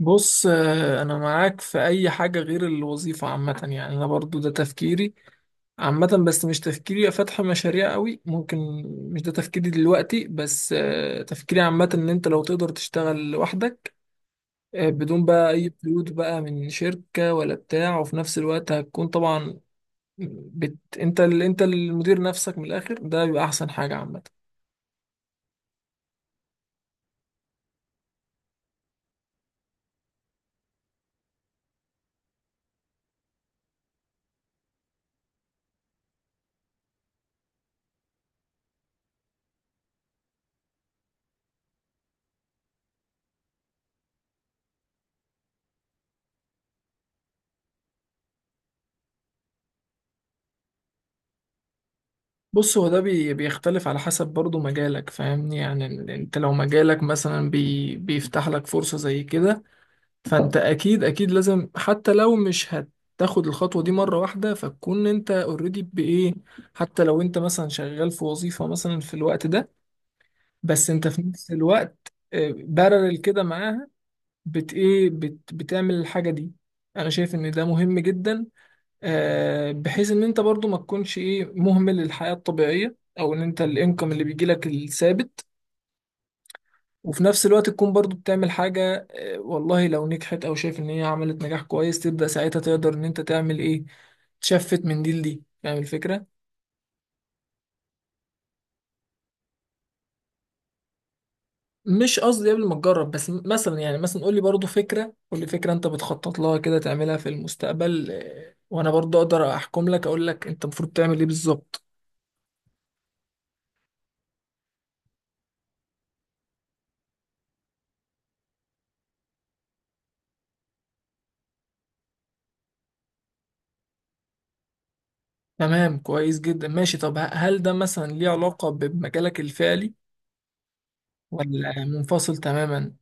بص، انا معاك في اي حاجه غير الوظيفه عامه. يعني انا برضو ده تفكيري عامه، بس مش تفكيري فتح مشاريع قوي، ممكن. مش ده تفكيري دلوقتي، بس تفكيري عامه ان انت لو تقدر تشتغل لوحدك، بدون بقى اي قيود بقى من شركه ولا بتاع. وفي نفس الوقت هتكون طبعا انت المدير نفسك من الاخر. ده بيبقى احسن حاجه عامه. بص، هو ده بيختلف على حسب برضو مجالك. فاهمني؟ يعني انت لو مجالك مثلا بيفتح لك فرصة زي كده، فانت اكيد اكيد لازم حتى لو مش هتاخد الخطوة دي مرة واحدة فتكون انت اوريدي بايه، حتى لو انت مثلا شغال في وظيفة مثلا في الوقت ده، بس انت في نفس الوقت بارل كده معاها. بت ايه بت بتعمل الحاجة دي. انا شايف ان ده مهم جدا، بحيث ان انت برضو ما تكونش ايه مهمل للحياة الطبيعية او ان انت الانكم اللي بيجي لك الثابت. وفي نفس الوقت تكون برضو بتعمل حاجة، والله لو نجحت او شايف ان هي عملت نجاح كويس تبدأ ساعتها تقدر ان انت تعمل ايه. تشفت من دي لدي. فاهم الفكرة؟ مش قصدي قبل ما تجرب، بس مثلا يعني مثلا قول لي برضو فكرة، قول لي فكرة انت بتخطط لها كده تعملها في المستقبل، وانا برضو اقدر احكم لك، اقول لك انت المفروض تعمل ايه بالظبط. تمام، كويس جدا، ماشي. طب هل ده مثلا ليه علاقة بمجالك الفعلي ولا منفصل تماما؟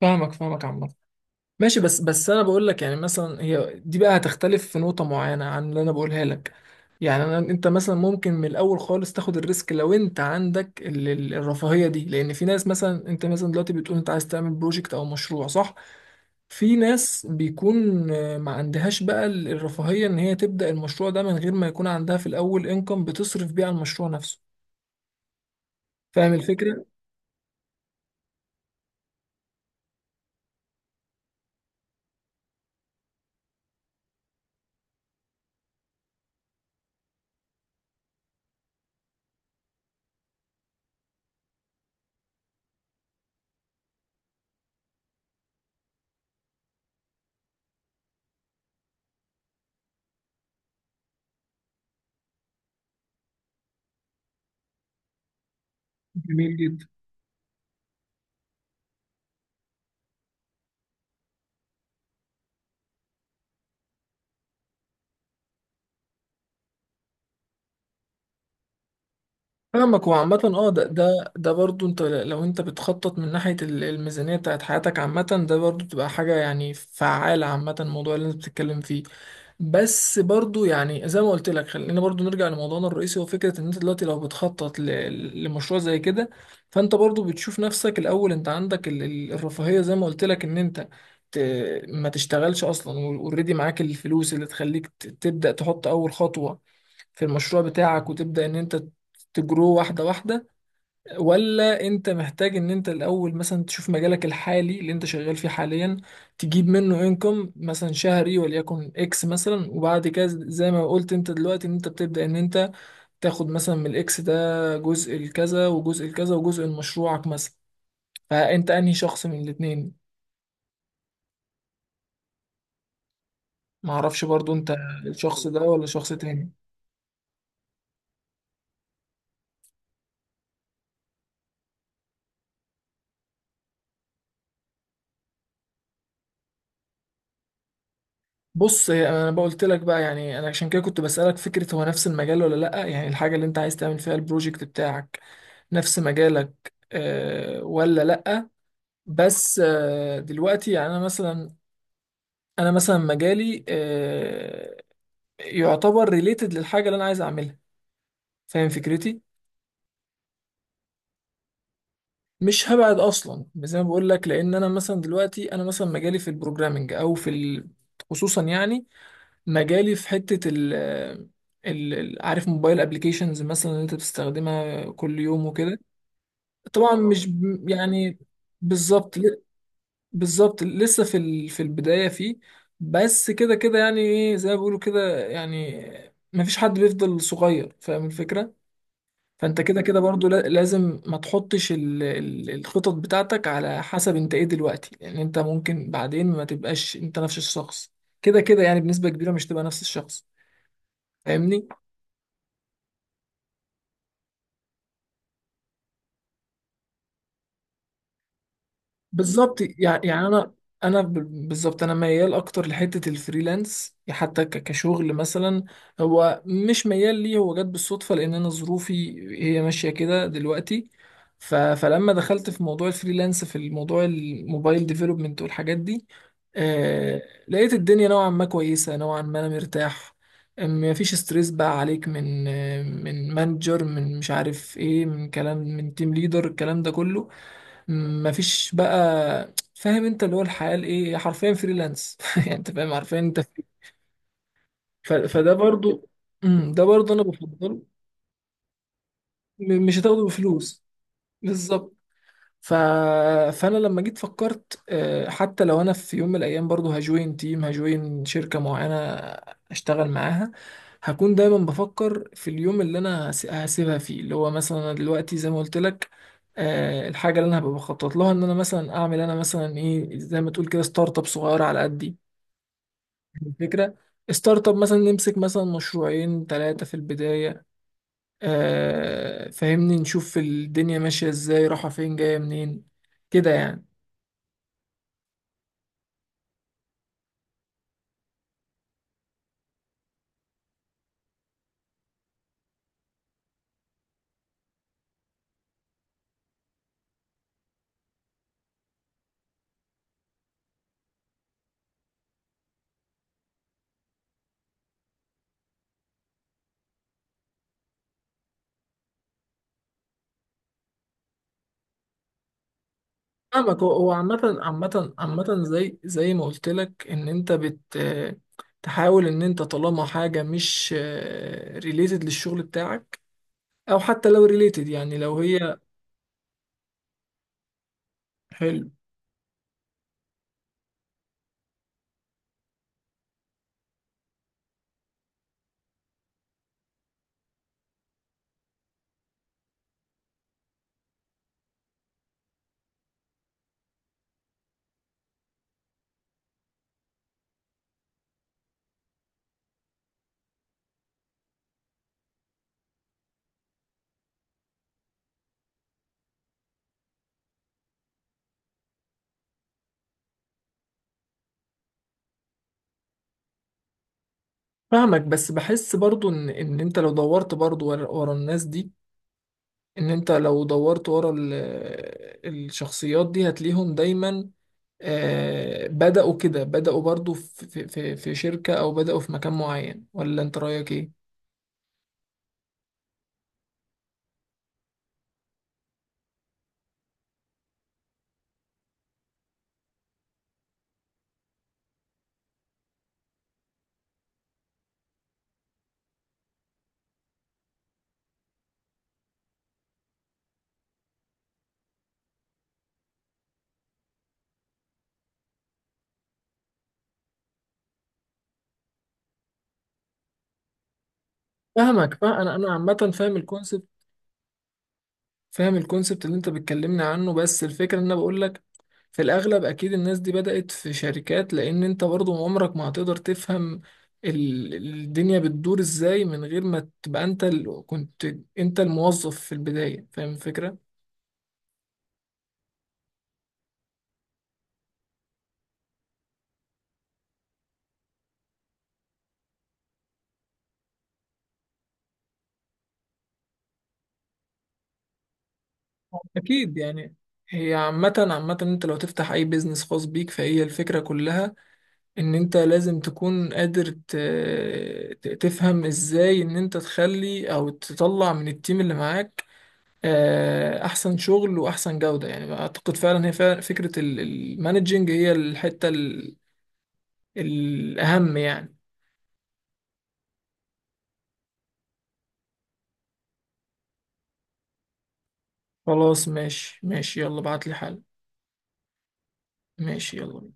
فاهمك عامة. ماشي، بس انا بقول لك يعني مثلا هي دي بقى هتختلف في نقطة معينة عن اللي انا بقولها لك. يعني انت مثلا ممكن من الاول خالص تاخد الريسك لو انت عندك الرفاهية دي، لان في ناس مثلا انت مثلا دلوقتي بتقول انت عايز تعمل بروجكت او مشروع، صح؟ في ناس بيكون ما عندهاش بقى الرفاهية ان هي تبدأ المشروع ده من غير ما يكون عندها في الاول انكم بتصرف بيه على المشروع نفسه. فاهم الفكرة؟ جميل جدا. فاهمك. وعامة ده برضو انت لو بتخطط من ناحية الميزانية بتاعت حياتك عامة، ده برضو بتبقى حاجة يعني فعالة، عامة الموضوع اللي انت بتتكلم فيه. بس برضو يعني زي ما قلت لك، خلينا برضو نرجع لموضوعنا الرئيسي، هو فكرة ان انت دلوقتي لو بتخطط لمشروع زي كده، فانت برضو بتشوف نفسك الاول. انت عندك الرفاهية زي ما قلت لك ان انت ما تشتغلش اصلا، اوريدي معاك الفلوس اللي تخليك تبدأ تحط اول خطوة في المشروع بتاعك، وتبدأ ان انت تجرو واحدة واحدة، ولا انت محتاج ان انت الاول مثلا تشوف مجالك الحالي اللي انت شغال فيه حاليا، تجيب منه انكم مثلا شهري وليكن اكس مثلا، وبعد كده زي ما قلت انت دلوقتي ان انت بتبدأ ان انت تاخد مثلا من الاكس ده جزء الكذا وجزء الكذا وجزء لمشروعك مثلا. فانت انهي شخص من الاتنين؟ معرفش برضو، انت الشخص ده ولا شخص تاني؟ بص، انا بقولت لك بقى، يعني انا عشان كده كنت بسألك فكرة هو نفس المجال ولا لا، يعني الحاجة اللي انت عايز تعمل فيها البروجكت بتاعك نفس مجالك، ولا لا. بس دلوقتي يعني انا مثلا مجالي يعتبر ريليتد للحاجة اللي انا عايز اعملها. فاهم فكرتي؟ مش هبعد اصلا زي ما بقول لك، لان انا مثلا دلوقتي انا مثلا مجالي في البروجرامنج خصوصا يعني مجالي في حتة عارف، موبايل ابلكيشنز مثلا اللي انت بتستخدمها كل يوم وكده. طبعا مش ب- يعني بالظبط ل- بالظبط لسه في البداية فيه، بس كده كده يعني ايه زي ما بيقولوا كده، يعني مفيش حد بيفضل صغير. فاهم الفكرة؟ فانت كده كده برضو لازم ما تحطش الخطط بتاعتك على حسب انت ايه دلوقتي، لان انت ممكن بعدين ما تبقاش انت نفس الشخص. كده كده يعني بنسبة كبيرة مش تبقى نفس الشخص. فاهمني؟ بالظبط. يعني انا بالظبط انا ميال اكتر لحته الفريلانس حتى كشغل مثلا. هو مش ميال ليه، هو جت بالصدفه لان انا ظروفي هي ماشيه كده دلوقتي. فلما دخلت في موضوع الفريلانس، في الموضوع الموبايل ديفلوبمنت والحاجات دي، آه... لقيت الدنيا نوعا ما كويسه، نوعا ما انا مرتاح. ما فيش ستريس بقى عليك من مانجر، من مش عارف ايه، من كلام، من تيم ليدر، الكلام ده كله مفيش بقى. فاهم؟ انت اللي هو الحياة الايه، حرفيا فريلانس يعني انت فاهم، حرفيا انت في. فده برضو ده برضو انا بفضله. مش هتاخده بفلوس. بالظبط. ف... فانا لما جيت فكرت، حتى لو انا في يوم من الايام برضو هجوين تيم، هجوين شركة معينة اشتغل معاها، هكون دايما بفكر في اليوم اللي انا هسيبها فيه، اللي هو مثلا أنا دلوقتي زي ما قلت لك، الحاجة اللي انا هبقى بخطط لها ان انا مثلا اعمل، انا مثلا ايه زي ما تقول كده، ستارت اب صغيرة على قدي. الفكرة، ستارت اب مثلا نمسك مثلا مشروعين ثلاثة في البداية، فاهمني، نشوف الدنيا ماشية ازاي، رايحة فين، جاية منين، كده يعني. فاهمك. هو عامة زي ما قلت لك ان انت تحاول ان انت طالما حاجة مش ريليتد للشغل بتاعك، او حتى لو ريليتد، يعني لو هي حلو. فاهمك، بس بحس برضو ان انت لو دورت برضو ورا ورا الناس دي، ان انت لو دورت ورا الشخصيات دي هتلاقيهم دايما، بدأوا كده، بدأوا برضو في شركة او بدأوا في مكان معين، ولا انت رأيك ايه؟ فاهمك. فاهم انا عامه فاهم الكونسبت، فاهم الكونسبت اللي انت بتكلمني عنه، بس الفكره ان انا بقول لك في الاغلب اكيد الناس دي بدات في شركات، لان انت برضو عمرك ما هتقدر تفهم ال- الدنيا بتدور ازاي من غير ما تبقى انت كنت انت الموظف في البدايه. فاهم الفكره؟ اكيد يعني. هي عامه انت لو تفتح اي بيزنس خاص بيك فهي الفكره كلها، ان انت لازم تكون قادر تفهم ازاي ان انت تخلي او تطلع من التيم اللي معاك احسن شغل واحسن جودة، يعني اعتقد فعلا هي فعلا فكرة المانجينج هي الحتة الاهم يعني. خلاص، ماشي ماشي، يلا بعتلي حل. ماشي، يلا.